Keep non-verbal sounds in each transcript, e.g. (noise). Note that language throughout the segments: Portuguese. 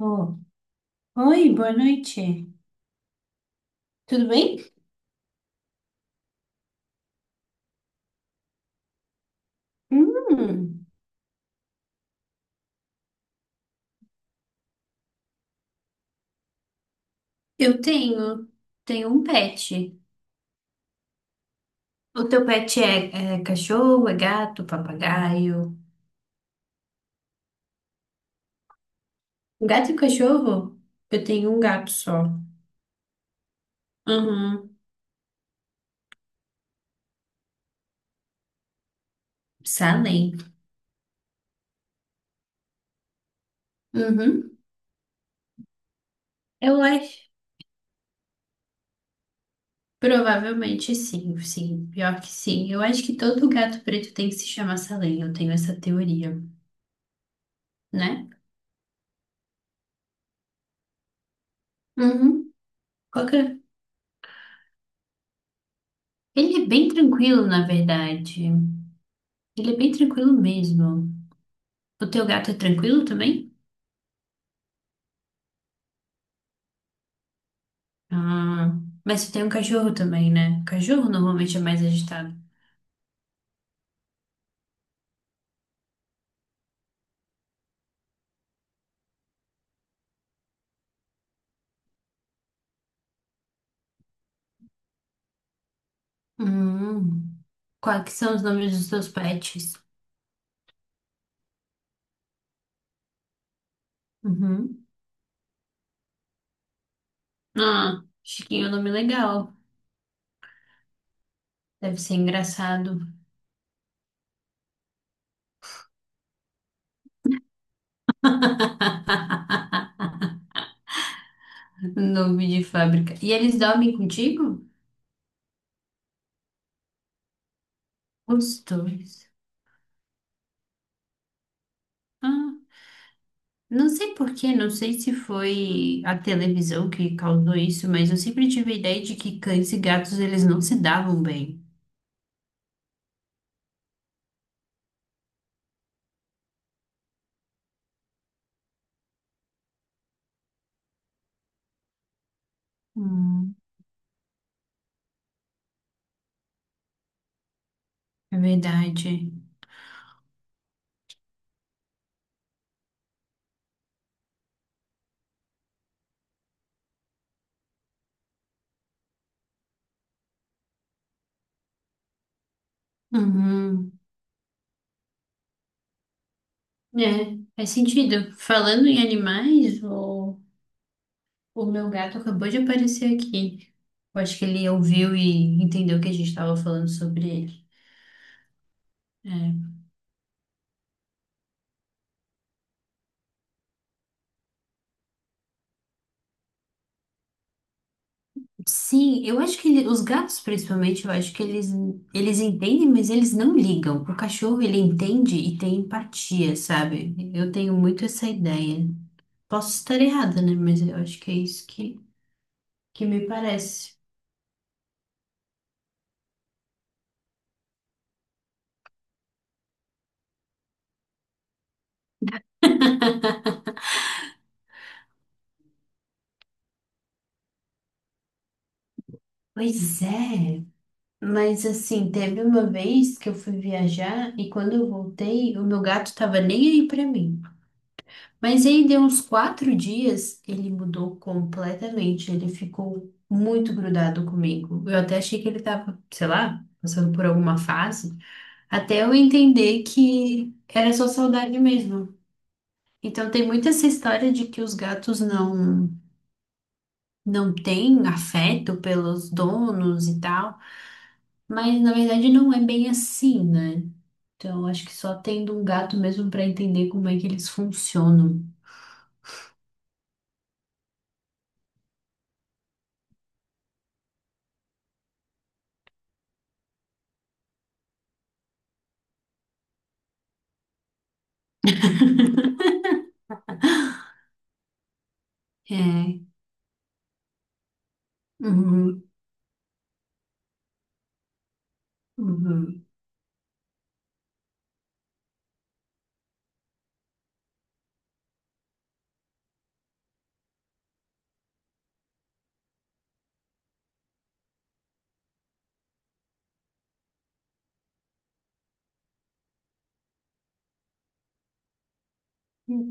Oh. Oi, boa noite. Tudo bem? Hum, eu tenho, tenho um pet. O teu pet é cachorro, é gato, papagaio? Um gato e um cachorro? Eu tenho um gato só. Uhum. Salem. Uhum. Eu acho. Provavelmente sim, sim. Pior que sim. Eu acho que todo gato preto tem que se chamar Salem. Eu tenho essa teoria, né? Uhum. Qual que é? Ele é bem tranquilo, na verdade. Ele é bem tranquilo mesmo. O teu gato é tranquilo também? Ah, mas tu tem um cachorro também, né? Cachorro normalmente é mais agitado. Hum, quais que são os nomes dos teus pets? Uhum. Ah, Chiquinho é um nome legal. Deve ser engraçado. (laughs) Nome de fábrica. E eles dormem contigo? Os dois. Ah, não sei por quê, não sei se foi a televisão que causou isso, mas eu sempre tive a ideia de que cães e gatos eles não se davam bem. Hum, é verdade. Uhum. É, faz sentido. Falando em animais, o meu gato acabou de aparecer aqui. Eu acho que ele ouviu e entendeu que a gente estava falando sobre ele. É. Sim, eu acho que os gatos, principalmente, eu acho que eles entendem, mas eles não ligam. O cachorro, ele entende e tem empatia, sabe? Eu tenho muito essa ideia. Posso estar errada, né? Mas eu acho que é isso que me parece. Pois é. Mas assim, teve uma vez que eu fui viajar e quando eu voltei, o meu gato tava nem aí pra mim. Mas aí deu uns quatro dias, ele mudou completamente. Ele ficou muito grudado comigo. Eu até achei que ele tava, sei lá, passando por alguma fase, até eu entender que era só saudade mesmo. Então tem muito essa história de que os gatos não têm afeto pelos donos e tal. Mas na verdade não é bem assim, né? Então, acho que só tendo um gato mesmo para entender como é que eles funcionam. É. Uhum, uhum.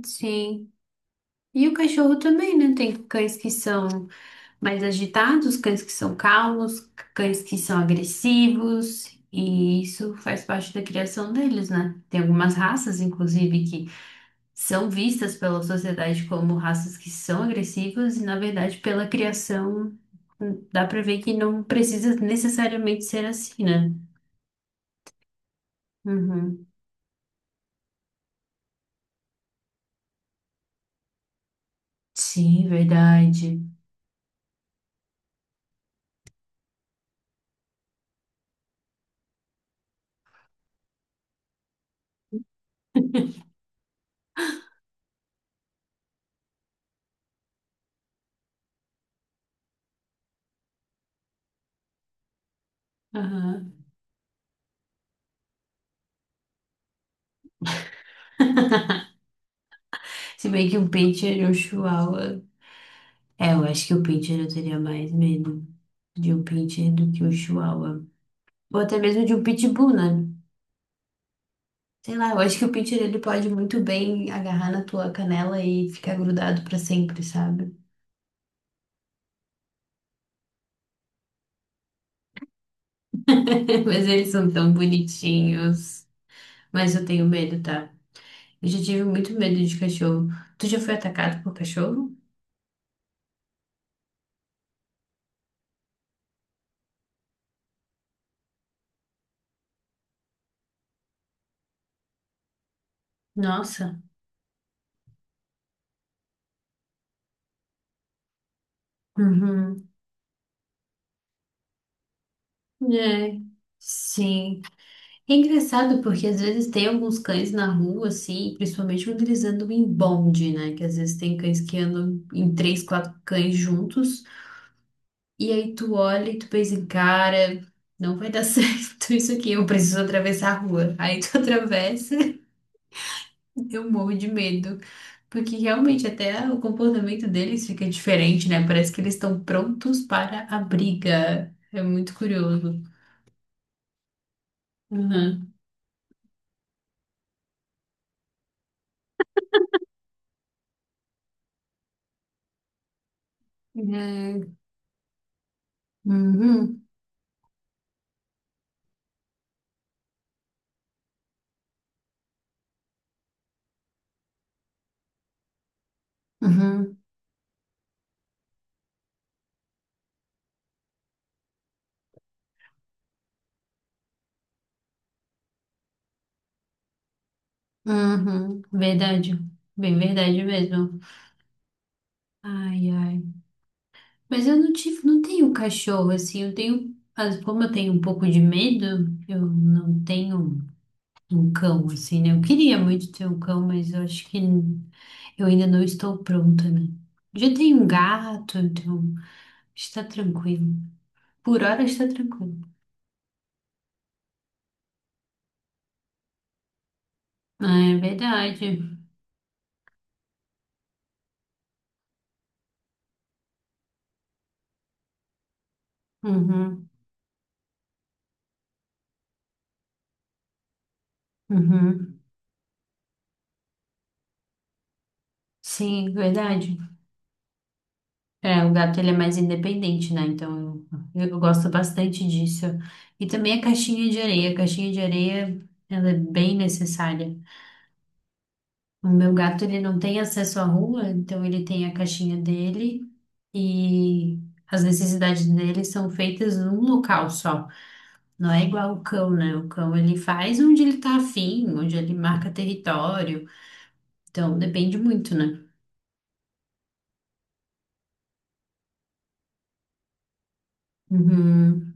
Sim. E o cachorro também, né? Tem cães que são mais agitados, cães que são calmos, cães que são agressivos, e isso faz parte da criação deles, né? Tem algumas raças, inclusive, que são vistas pela sociedade como raças que são agressivas, e na verdade, pela criação, dá para ver que não precisa necessariamente ser assim, né? Uhum. Sim, verdade. Aham. Se bem que um pincher e um chihuahua. É, eu acho que o pincher eu teria mais medo de um pincher do que um chihuahua. Ou até mesmo de um pitbull, né? Sei lá, eu acho que o pincher ele pode muito bem agarrar na tua canela e ficar grudado pra sempre, sabe? (laughs) Mas eles são tão bonitinhos. Mas eu tenho medo, tá? Eu já tive muito medo de cachorro. Tu já foi atacado por cachorro? Nossa. Uhum. É. Sim. É engraçado porque às vezes tem alguns cães na rua, assim, principalmente quando eles andam em bonde, né? Que às vezes tem cães que andam em três, quatro cães juntos, e aí tu olha e tu pensa, cara, não vai dar (laughs) certo isso aqui, eu preciso atravessar a rua. Aí tu (laughs) atravessa, eu morro de medo. Porque realmente até o comportamento deles fica diferente, né? Parece que eles estão prontos para a briga. É muito curioso. Uhum. É. Uhum. Uhum. Uhum, verdade. Bem verdade mesmo. Ai, ai. Mas eu não tenho cachorro, assim, eu tenho, mas como eu tenho um pouco de medo, eu não tenho um cão, assim, né? Eu queria muito ter um cão, mas eu acho que eu ainda não estou pronta, né? Já tenho um gato, então está tranquilo. Por hora está tranquilo. Ah, é verdade. Uhum, uhum. Sim, verdade. É, o gato ele é mais independente, né? Então eu gosto bastante disso. E também a caixinha de areia. A caixinha de areia, ela é bem necessária. O meu gato ele não tem acesso à rua, então ele tem a caixinha dele e as necessidades dele são feitas num local só. Não é igual o cão, né? O cão ele faz onde ele tá afim, onde ele marca território. Então depende muito, né? Uhum,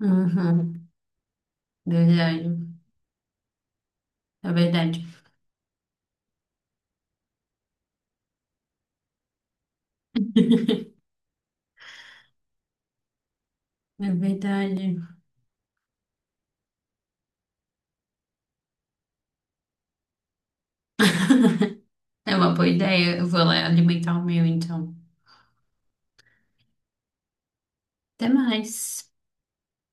uhum, verdade, é verdade. (laughs) É verdade. (laughs) É uma boa ideia. Eu vou lá alimentar o meu, então. Até mais.